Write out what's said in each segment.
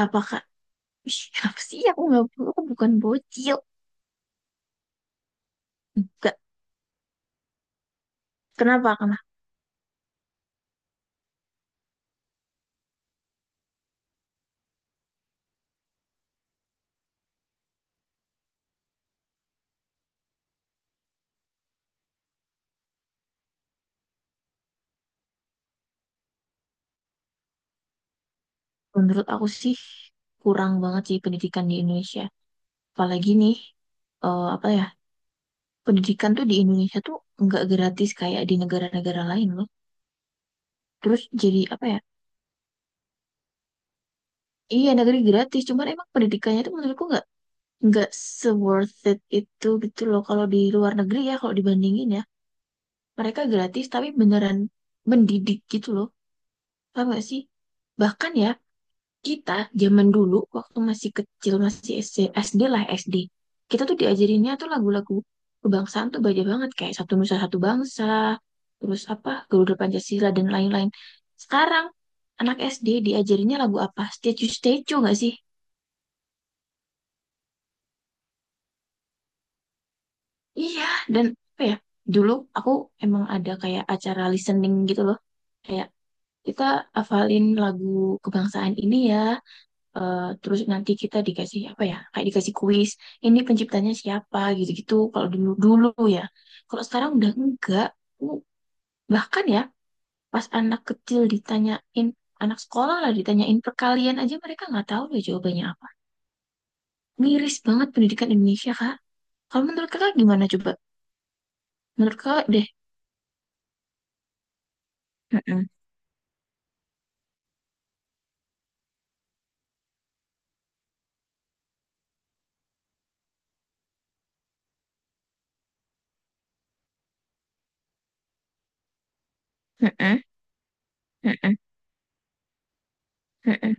Apakah... Ih, apa sih aku nggak perlu, aku bukan bocil. Enggak. Kenapa kenapa Menurut aku sih kurang banget sih pendidikan di Indonesia. Apalagi nih, eh, apa ya pendidikan tuh di Indonesia tuh nggak gratis kayak di negara-negara lain loh. Terus jadi apa ya, iya negeri gratis, cuman emang pendidikannya tuh menurutku nggak se worth it itu gitu loh. Kalau di luar negeri ya, kalau dibandingin ya, mereka gratis tapi beneran mendidik gitu loh, paham gak sih? Bahkan ya, kita zaman dulu waktu masih kecil, masih SD, SD lah, SD. Kita tuh diajarinnya tuh lagu-lagu kebangsaan tuh banyak banget, kayak Satu Nusa Satu Bangsa, terus apa, Garuda Pancasila dan lain-lain. Sekarang anak SD diajarinnya lagu apa? Statue Statue nggak sih? Iya, dan apa ya? Dulu aku emang ada kayak acara listening gitu loh. Kayak kita hafalin lagu kebangsaan ini ya, terus nanti kita dikasih apa ya, kayak dikasih kuis ini penciptanya siapa gitu-gitu kalau dulu dulu ya. Kalau sekarang udah enggak. Uh, Bahkan ya, pas anak kecil ditanyain, anak sekolah lah, ditanyain perkalian aja mereka nggak tahu ya jawabannya apa. Miris banget pendidikan Indonesia, kak. Kalau menurut kakak gimana coba? Menurut kakak deh. Mm-mm, mm-mm, mm-mm, mm-mm.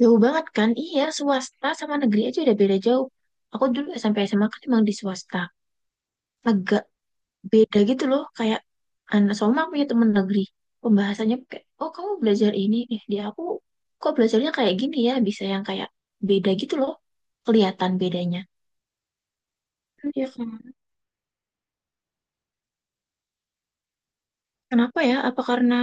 Jauh banget kan, iya, swasta sama negeri aja udah beda jauh. Aku dulu sampai SMA kan emang di swasta. Agak beda gitu loh, kayak anak Soma punya temen negeri, pembahasannya kayak, oh kamu belajar ini, dia, aku kok belajarnya kayak gini ya, bisa yang kayak beda gitu loh, kelihatan bedanya. Iya kan. Kenapa ya? Apa karena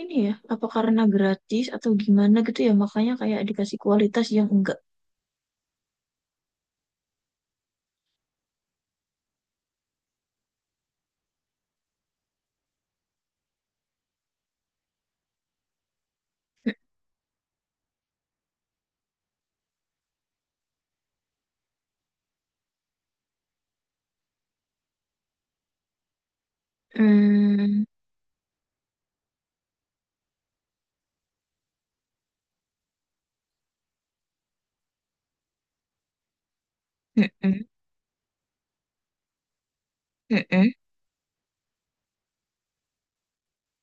ini ya? Apa karena gratis atau gimana gitu ya? Makanya kayak dikasih kualitas yang enggak. Hmm, mm-mm, mm-mm.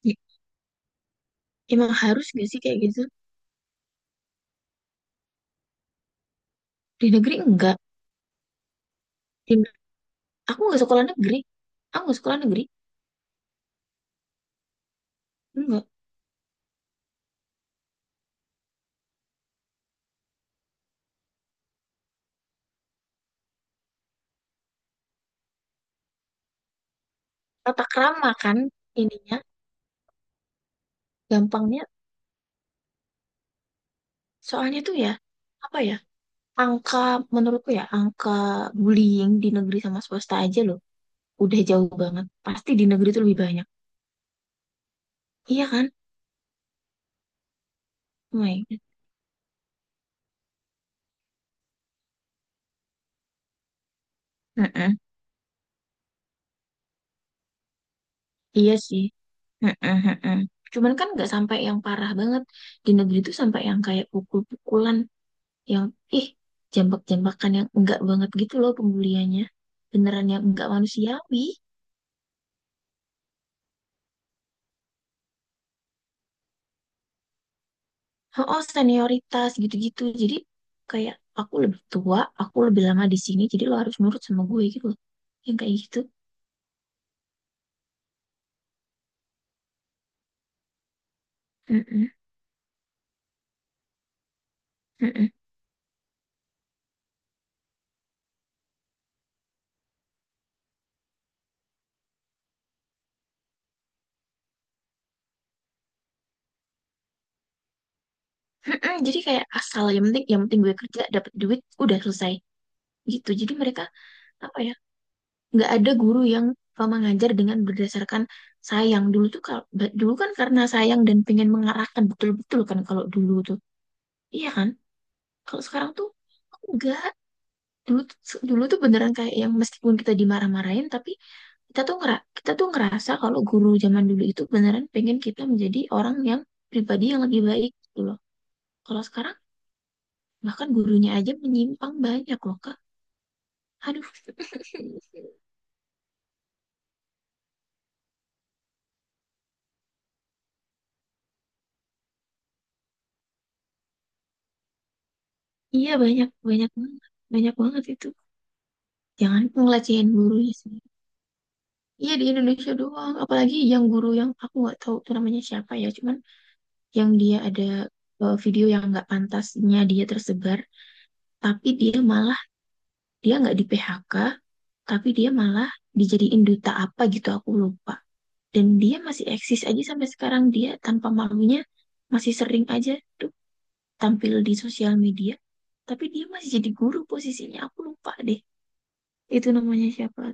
I- Emang harus gak sih kayak gitu? Di negeri enggak. Di, aku nggak sekolah negeri. Aku nggak sekolah negeri. Enggak. Tata krama kan ininya. Gampangnya, soalnya tuh ya, apa ya, angka, menurutku ya, angka bullying di negeri sama swasta aja loh udah jauh banget. Pasti di negeri tuh lebih banyak. Iya kan? Oh my God. Mm-mm. Iya sih. Mm-mm, mm-mm. Cuman kan nggak sampai yang parah banget. Di negeri tuh sampai yang kayak pukul-pukulan, yang ih, jambak-jambakan, yang enggak banget gitu loh pembuliannya. Beneran yang enggak manusiawi. Oh, senioritas gitu-gitu, jadi kayak aku lebih tua, aku lebih lama di sini, jadi lo harus nurut sama gue gitu loh, yang kayak gitu. Mm-mm, mm-mm, mm-mm. Jadi kayak asal, yang penting, yang penting gue kerja dapat duit udah selesai gitu. Jadi mereka apa ya, nggak ada guru yang mengajar dengan berdasarkan sayang. Dulu tuh kalau dulu kan karena sayang dan pengen mengarahkan betul-betul kan kalau dulu tuh, iya kan. Kalau sekarang tuh enggak. Dulu tuh beneran kayak yang meskipun kita dimarah-marahin, tapi kita tuh ngerasa kalau guru zaman dulu itu beneran pengen kita menjadi orang yang, pribadi yang lebih baik gitu loh. Kalau sekarang bahkan gurunya aja menyimpang banyak loh, Kak. Aduh. Iya banyak, banyak banget, banyak banget itu. Jangan ngelecehin gurunya sih. Iya, di Indonesia doang. Apalagi yang guru yang aku nggak tahu tuh namanya siapa ya. Cuman yang dia ada video yang nggak pantasnya dia tersebar, tapi dia malah, dia nggak di PHK, tapi dia malah dijadiin duta apa gitu aku lupa, dan dia masih eksis aja sampai sekarang, dia tanpa malunya masih sering aja tuh tampil di sosial media, tapi dia masih jadi guru posisinya, aku lupa deh itu namanya siapa.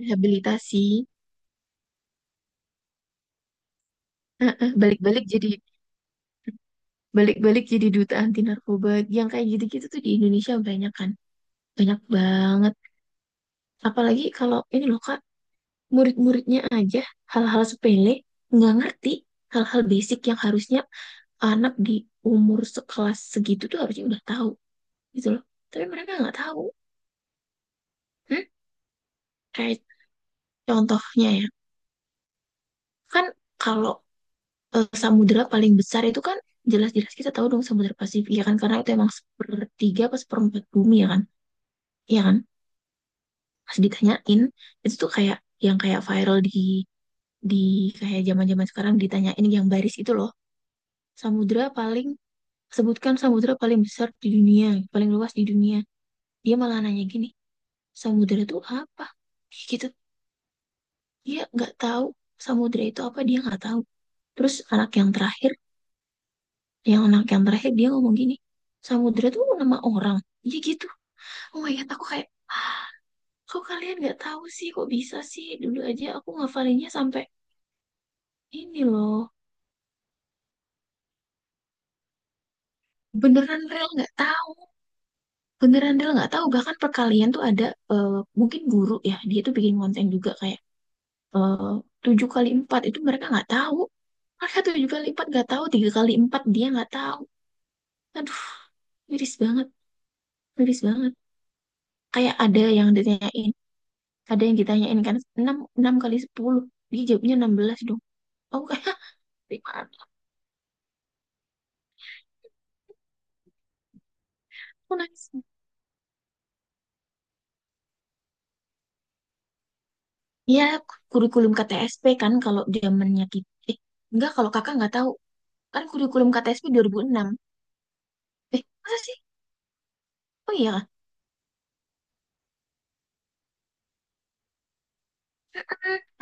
Rehabilitasi. Heeh, balik-balik jadi, balik-balik jadi duta anti narkoba. Yang kayak gitu-gitu tuh di Indonesia banyak kan, banyak banget. Apalagi kalau ini loh kak, murid-muridnya aja hal-hal sepele nggak ngerti. Hal-hal basic yang harusnya anak di umur sekelas segitu tuh harusnya udah tahu gitu loh, tapi mereka nggak tahu. Hmm? Kayak contohnya ya, kan kalau samudera paling besar itu kan jelas-jelas kita tahu dong, samudera Pasifik ya kan, karena itu emang sepertiga apa seperempat bumi ya kan, ya kan. Pas ditanyain itu tuh kayak yang kayak viral di di kayak zaman-zaman sekarang, ditanyain yang baris itu loh, samudera paling... Sebutkan samudra paling besar di dunia, paling luas di dunia. Dia malah nanya gini, samudra itu apa? Gitu. Dia nggak tahu samudra itu apa, dia nggak tahu. Terus anak yang terakhir, anak yang terakhir dia ngomong gini, samudra itu nama orang. Iya gitu. Oh my God, aku kayak, "Ah, kok kalian nggak tahu sih, kok bisa sih? Dulu aja aku ngafalinnya sampai ini loh." Beneran real nggak tahu. Beneran real nggak tahu. Bahkan perkalian tuh ada, eh, mungkin guru ya, dia tuh bikin konten juga kayak, eh tujuh kali empat itu mereka nggak tahu. Mereka tujuh kali empat nggak tahu, tiga kali empat dia nggak tahu. Aduh, miris banget, miris banget. Kayak ada yang ditanyain kan enam enam kali sepuluh, dia jawabnya enam belas dong. Aku kayak, gimana? Aku nangis. Ya, kurikulum KTSP kan kalau zamannya kita, enggak kalau kakak nggak tahu, kan kurikulum KTSP enam. Eh masa sih? Oh iya,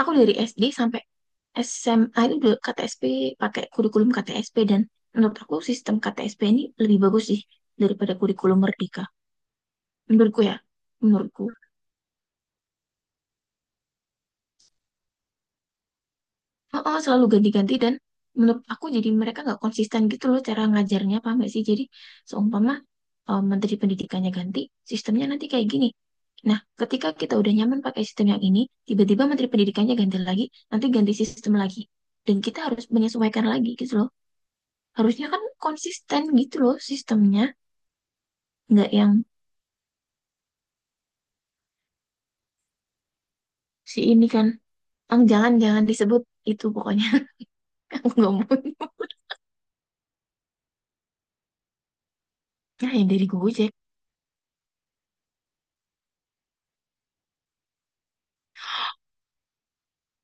aku dari SD sampai SMA itu juga KTSP, pakai kurikulum KTSP, dan menurut aku sistem KTSP ini lebih bagus sih daripada kurikulum Merdeka. Menurutku ya, menurutku. Oh, oh, selalu ganti-ganti, dan menurut aku jadi mereka nggak konsisten gitu loh cara ngajarnya, paham nggak sih? Jadi seumpama Menteri Pendidikannya ganti, sistemnya nanti kayak gini. Nah, ketika kita udah nyaman pakai sistem yang ini, tiba-tiba Menteri Pendidikannya ganti lagi, nanti ganti sistem lagi. Dan kita harus menyesuaikan lagi gitu loh. Harusnya kan konsisten gitu loh sistemnya. Nggak, yang si ini kan. Ang, jangan jangan disebut itu pokoknya. Aku nggak mau. Nah, yang dari Gojek.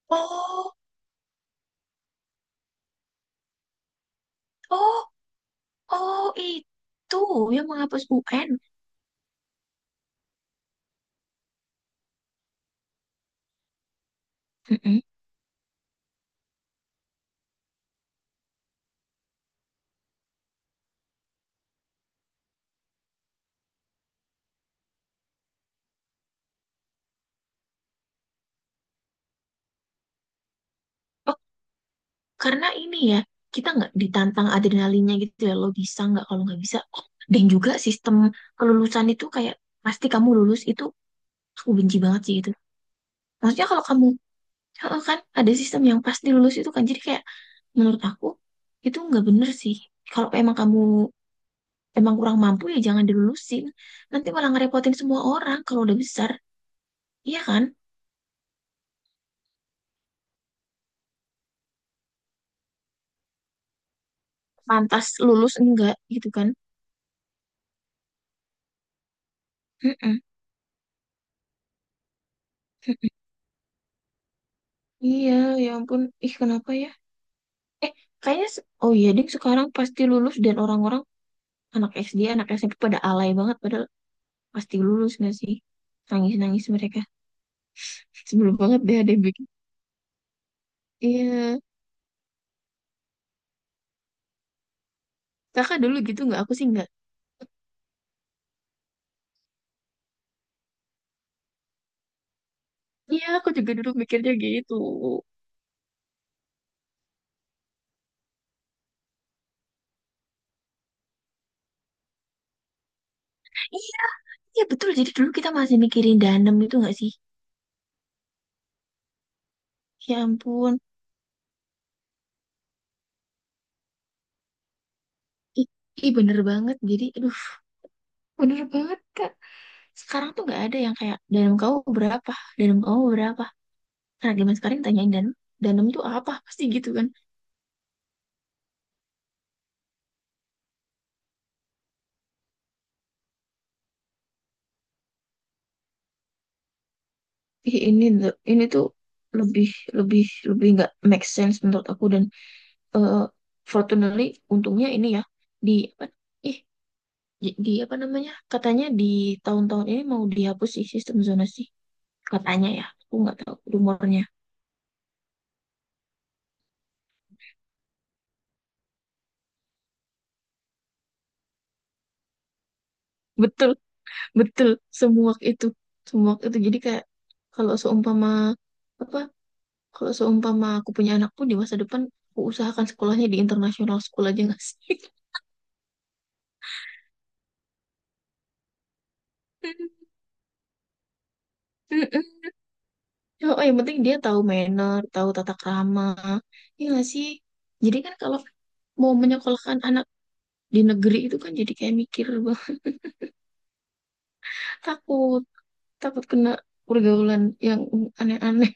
Oh, oh, oh, itu yang menghapus UN. Mm-mm. Oh, karena ini ya kita nggak ditantang adrenalinnya gitu ya. Lo bisa nggak, kalau nggak bisa. Oh, dan juga sistem kelulusan itu kayak pasti kamu lulus itu, aku benci banget sih itu. Maksudnya kalau kamu, heeh, kan ada sistem yang pasti lulus itu kan, jadi kayak menurut aku itu nggak bener sih. Kalau emang kamu emang kurang mampu ya jangan dilulusin. Nanti malah ngerepotin semua orang kalau udah besar. Iya kan? Pantas lulus enggak gitu kan? Mm-mm. Mm-mm. Iya, ya ampun. Ih, kenapa ya? Eh, kayaknya oh iya ding, sekarang pasti lulus dan orang-orang, anak SD, anak SMP pada alay banget padahal pasti lulus nggak sih? Nangis-nangis mereka. Sebelum banget deh ada yang bikin. Iya. Kakak dulu gitu nggak? Aku sih nggak. Iya, aku juga dulu mikirnya gitu. Iya, iya betul. Jadi dulu kita masih mikirin danem itu nggak sih? Ya ampun, ih, ih, bener banget. Jadi, aduh, bener banget, Kak. Sekarang tuh nggak ada yang kayak, danum kamu berapa? Danum kamu berapa? Karena zaman sekarang tanyain danum, danum tuh apa? Pasti gitu kan. Ih, ini, ini tuh lebih, lebih, lebih nggak make sense menurut aku. Dan eh, fortunately, untungnya ini ya, di, apa, ih, di apa namanya? Katanya di tahun-tahun ini mau dihapus sih sistem zonasi. Katanya ya, aku nggak tahu rumornya. Betul, betul, semuak itu, semuak itu, jadi kayak kalau seumpama apa, kalau seumpama aku punya anak pun di masa depan, aku usahakan sekolahnya di international school aja nggak sih. Mm-mm. Oh, yang penting dia tahu manner, tahu tata krama. Iya nggak sih? Jadi kan kalau mau menyekolahkan anak di negeri itu kan jadi kayak mikir bang, takut, takut kena pergaulan yang aneh-aneh.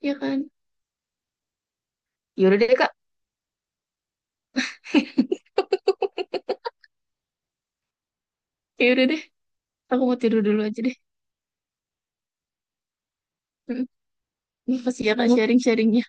Ya kan? Yaudah deh, Kak. Yaudah deh, aku mau tidur dulu aja deh. Ini pasti ya Kak sharing-sharingnya.